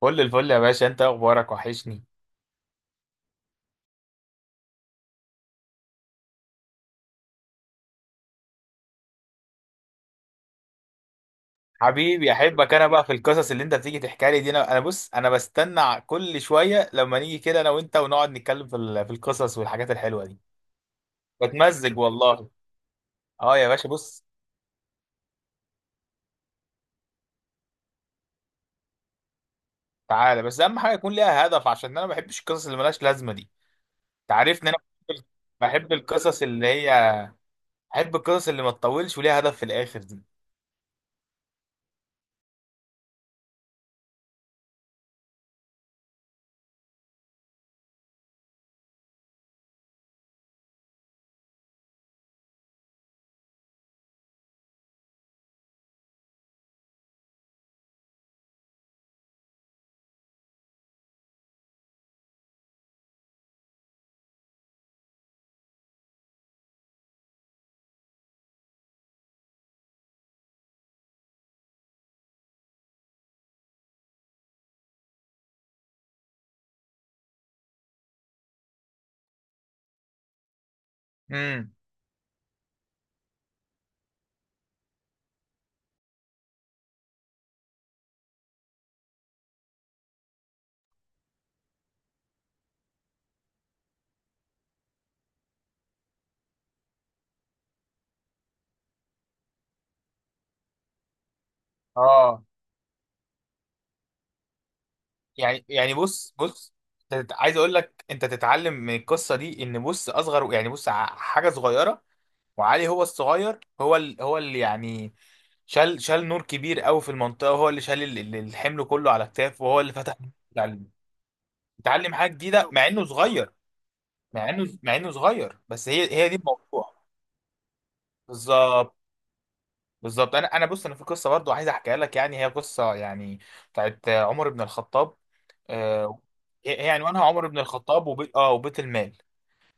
كل الفل يا باشا، انت اخبارك وحشني. حبيبي احبك، انا بقى في القصص اللي انت بتيجي تحكي لي دي انا بص، انا بستنى كل شويه لما نيجي كده انا وانت ونقعد نتكلم في في القصص والحاجات الحلوه دي. بتمزج والله. اه يا باشا، بص، تعالى بس اهم حاجه يكون ليها هدف، عشان انا ما بحبش القصص اللي ملهاش لازمه دي. تعرفني انا بحب بحب القصص اللي هي بحب القصص اللي ما تطولش وليها هدف في الاخر دي. امم اه. يعني يعني بص بص، عايز اقول لك انت تتعلم من القصه دي ان، بص، اصغر، يعني بص، حاجه صغيره، وعلي هو الصغير، هو اللي يعني شال شال نور كبير قوي في المنطقه، هو اللي شال الحمل كله على كتافه، وهو اللي فتح تعلم. اتعلم حاجه جديده مع انه صغير. مع انه مع انه صغير، بس هي هي دي الموضوع. بالظبط بالظبط. انا بص، انا في قصه برضو عايز احكيها لك، يعني هي قصه يعني بتاعت عمر بن الخطاب. آه، هي عنوانها عمر بن الخطاب وبيت، اه، وبيت المال.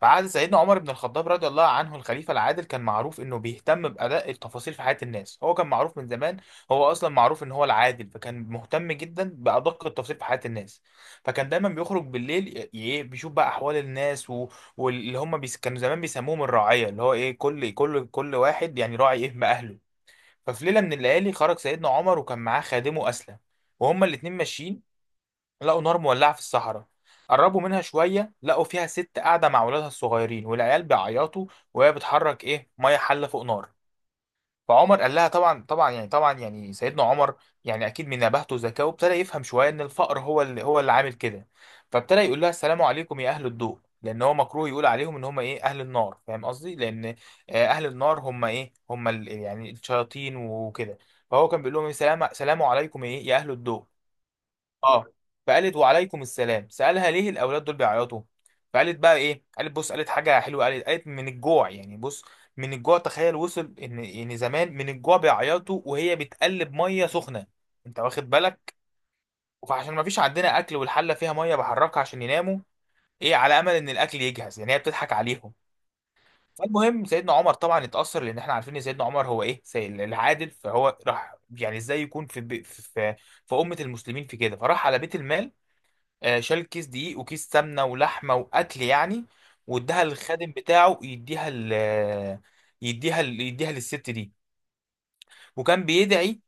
فعاد سيدنا عمر بن الخطاب رضي الله عنه الخليفة العادل، كان معروف انه بيهتم بأداء التفاصيل في حياة الناس. هو كان معروف من زمان، هو اصلا معروف ان هو العادل، فكان مهتم جدا بأدق التفاصيل في حياة الناس. فكان دايما بيخرج بالليل، إيه، بيشوف بقى احوال الناس و... كانوا زمان بيسموهم الرعية، اللي هو ايه، كل واحد يعني راعي ايه بأهله. ففي ليلة من الليالي خرج سيدنا عمر وكان معاه خادمه أسلم، وهما الاتنين ماشيين لقوا نار مولعة في الصحراء. قربوا منها شوية لقوا فيها ست قاعدة مع ولادها الصغيرين، والعيال بيعيطوا وهي بتحرك إيه، مية، حلة فوق نار. فعمر قال لها، طبعا يعني سيدنا عمر يعني أكيد من نباهته وذكائه ابتدى يفهم شوية إن الفقر هو اللي هو اللي عامل كده. فابتدى يقول لها السلام عليكم يا أهل الضوء، لأن هو مكروه يقول عليهم إن هم إيه أهل النار، فاهم قصدي؟ لأن آه، أهل النار هم إيه، هم يعني الشياطين وكده. فهو كان بيقول لهم إيه، سلام سلام عليكم إيه يا أهل الضوء. اه. فقالت وعليكم السلام. سألها ليه الأولاد دول بيعيطوا؟ فقالت بقى إيه، قالت بص، قالت حاجة حلوة، قالت من الجوع، يعني بص، من الجوع، تخيل، وصل إن إن زمان من الجوع بيعيطوا، وهي بتقلب مية سخنة. أنت واخد بالك؟ فعشان ما فيش عندنا أكل، والحلة فيها مية بحركها عشان يناموا إيه، على أمل إن الأكل يجهز، يعني هي بتضحك عليهم. فالمهم سيدنا عمر طبعا اتأثر، لأن إحنا عارفين إن سيدنا عمر هو إيه، العادل. فهو راح، يعني إزاي يكون في في في أمة المسلمين في كده، فراح على بيت المال. آه، شال كيس دقيق وكيس سمنه ولحمه واكل يعني، واداها للخادم بتاعه يديها ل، يديها للست دي. وكان بيدعي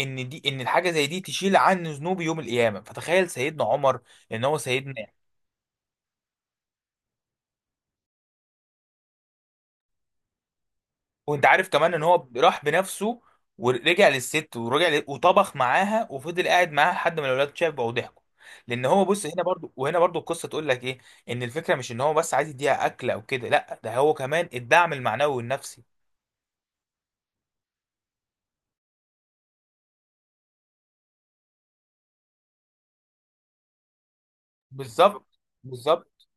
ان دي، ان الحاجه زي دي تشيل عنه ذنوب يوم القيامه. فتخيل سيدنا عمر ان هو سيدنا. وانت عارف كمان ان هو راح بنفسه، ورجع للست ورجع ل... وطبخ معاها وفضل قاعد معاها لحد ما الاولاد شافوا وضحكوا. لان هو بص، هنا برضو وهنا برضو القصه تقول لك ايه، ان الفكره مش ان هو بس عايز يديها اكل او كده، لا، ده هو كمان الدعم المعنوي والنفسي. بالظبط بالظبط.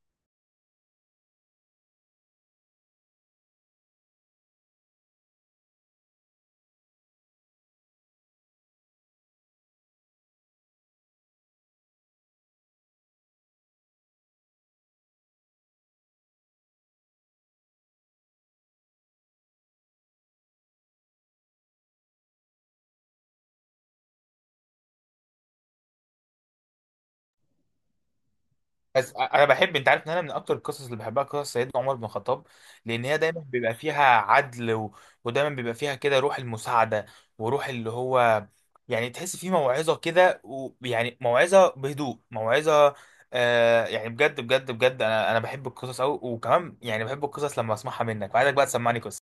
بس انا بحب، انت عارف ان انا من اكتر القصص اللي بحبها قصص سيدنا عمر بن الخطاب، لان هي دايما بيبقى فيها عدل و... ودايما بيبقى فيها كده روح المساعده، وروح اللي هو يعني تحس فيه موعظه كده، ويعني موعظه بهدوء، موعظه. آه يعني، بجد بجد بجد انا انا بحب القصص قوي. وكمان يعني بحب القصص لما اسمعها منك. وعايزك بقى تسمعني قصه.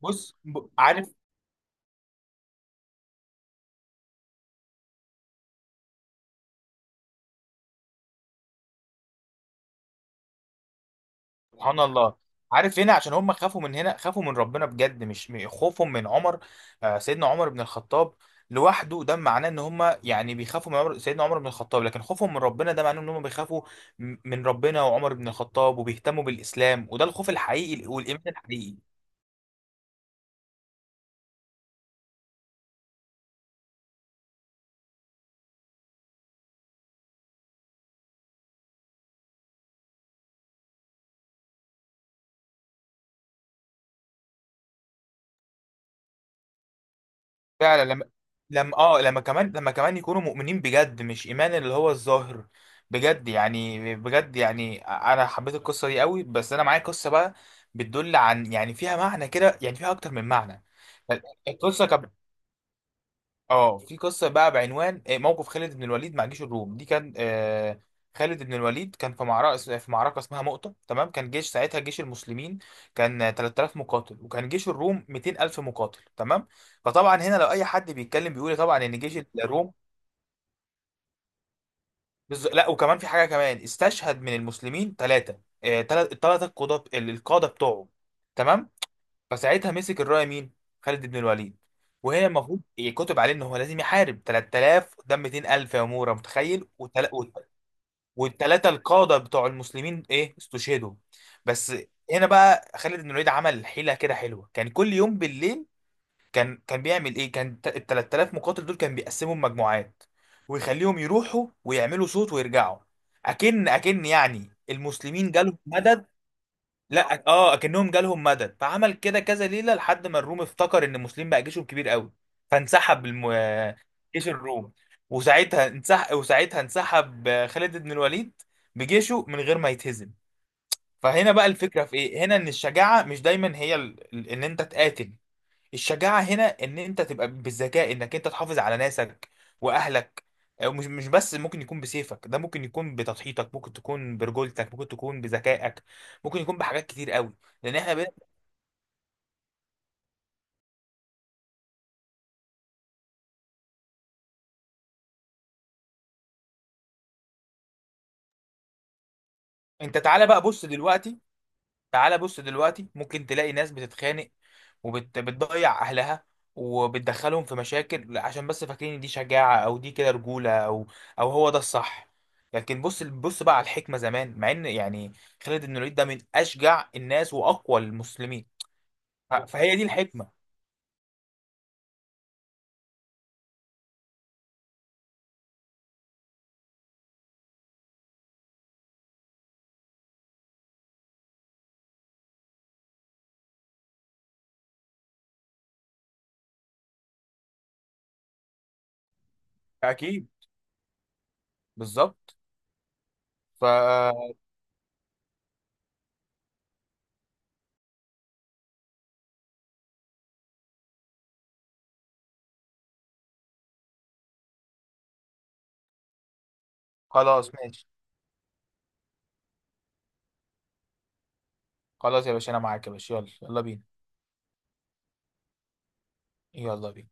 بص، عارف؟ سبحان الله. عارف هنا عشان هم خافوا، من هنا خافوا من ربنا بجد، مش خوفهم من عمر آه، سيدنا عمر بن الخطاب لوحده. ده معناه ان هم يعني بيخافوا من عمر سيدنا عمر بن الخطاب، لكن خوفهم من ربنا ده معناه ان هم بيخافوا من ربنا وعمر بن الخطاب وبيهتموا بالاسلام، وده الخوف الحقيقي والايمان الحقيقي. فعلا لما لما كمان لما كمان يكونوا مؤمنين بجد، مش ايمان اللي هو الظاهر، بجد يعني. بجد يعني انا حبيت القصه دي قوي، بس انا معايا قصه بقى بتدل عن، يعني فيها معنى كده، يعني فيها اكتر من معنى. القصه كانت اه، في قصه بقى بعنوان آه، موقف خالد بن الوليد مع جيش الروم. دي كان آه، خالد بن الوليد كان في معركه، في معركه اسمها مؤتة، تمام؟ كان جيش ساعتها، جيش المسلمين، كان آه، 3000 مقاتل، وكان جيش الروم 200000 مقاتل، تمام؟ فطبعا هنا لو اي حد بيتكلم بيقول إيه، طبعا ان جيش الروم لا، وكمان في حاجه كمان، استشهد من المسلمين ثلاثه الثلاثه القاده، القاده بتوعه، تمام. فساعتها مسك الرايه مين؟ خالد بن الوليد. وهي المفروض يكتب عليه ان هو لازم يحارب 3000 قدام 200000، يا مورا، متخيل؟ والثلاثه القاده بتوع المسلمين ايه، استشهدوا. بس هنا بقى خالد بن الوليد عمل حيله كده حلوه. كان كل يوم بالليل كان بيعمل ايه، كان ال 3000 مقاتل دول كان بيقسمهم مجموعات، ويخليهم يروحوا ويعملوا صوت ويرجعوا، اكن يعني المسلمين جالهم مدد. لا اه، اكنهم جالهم مدد. فعمل كده كذا ليله لحد ما الروم افتكر ان المسلمين بقى جيشهم كبير قوي، فانسحب الم... جيش الروم. وساعتها انسحب خالد بن الوليد بجيشه من غير ما يتهزم. فهنا بقى الفكره في ايه، هنا ان الشجاعه مش دايما هي ان انت تقاتل. الشجاعة هنا ان انت تبقى بالذكاء، انك انت تحافظ على ناسك واهلك. أو مش بس ممكن يكون بسيفك، ده ممكن يكون بتضحيتك، ممكن تكون برجولتك، ممكن تكون بذكائك، ممكن يكون بحاجات كتير قوي. لان احنا بقى... انت تعالى بقى بص دلوقتي، تعالى بص دلوقتي، ممكن تلاقي ناس بتتخانق وبتضيع اهلها وبتدخلهم في مشاكل، عشان بس فاكرين إن دي شجاعة، او دي كده رجولة، او او هو ده الصح. لكن بص بص بقى على الحكمة زمان، مع ان يعني خالد بن الوليد ده من اشجع الناس واقوى المسلمين. فهي دي الحكمة. أكيد. بالظبط. فخلاص. ماشي. خلاص يا باشا، انا معاك يا باشا، يلا يلا بينا. يلا بينا.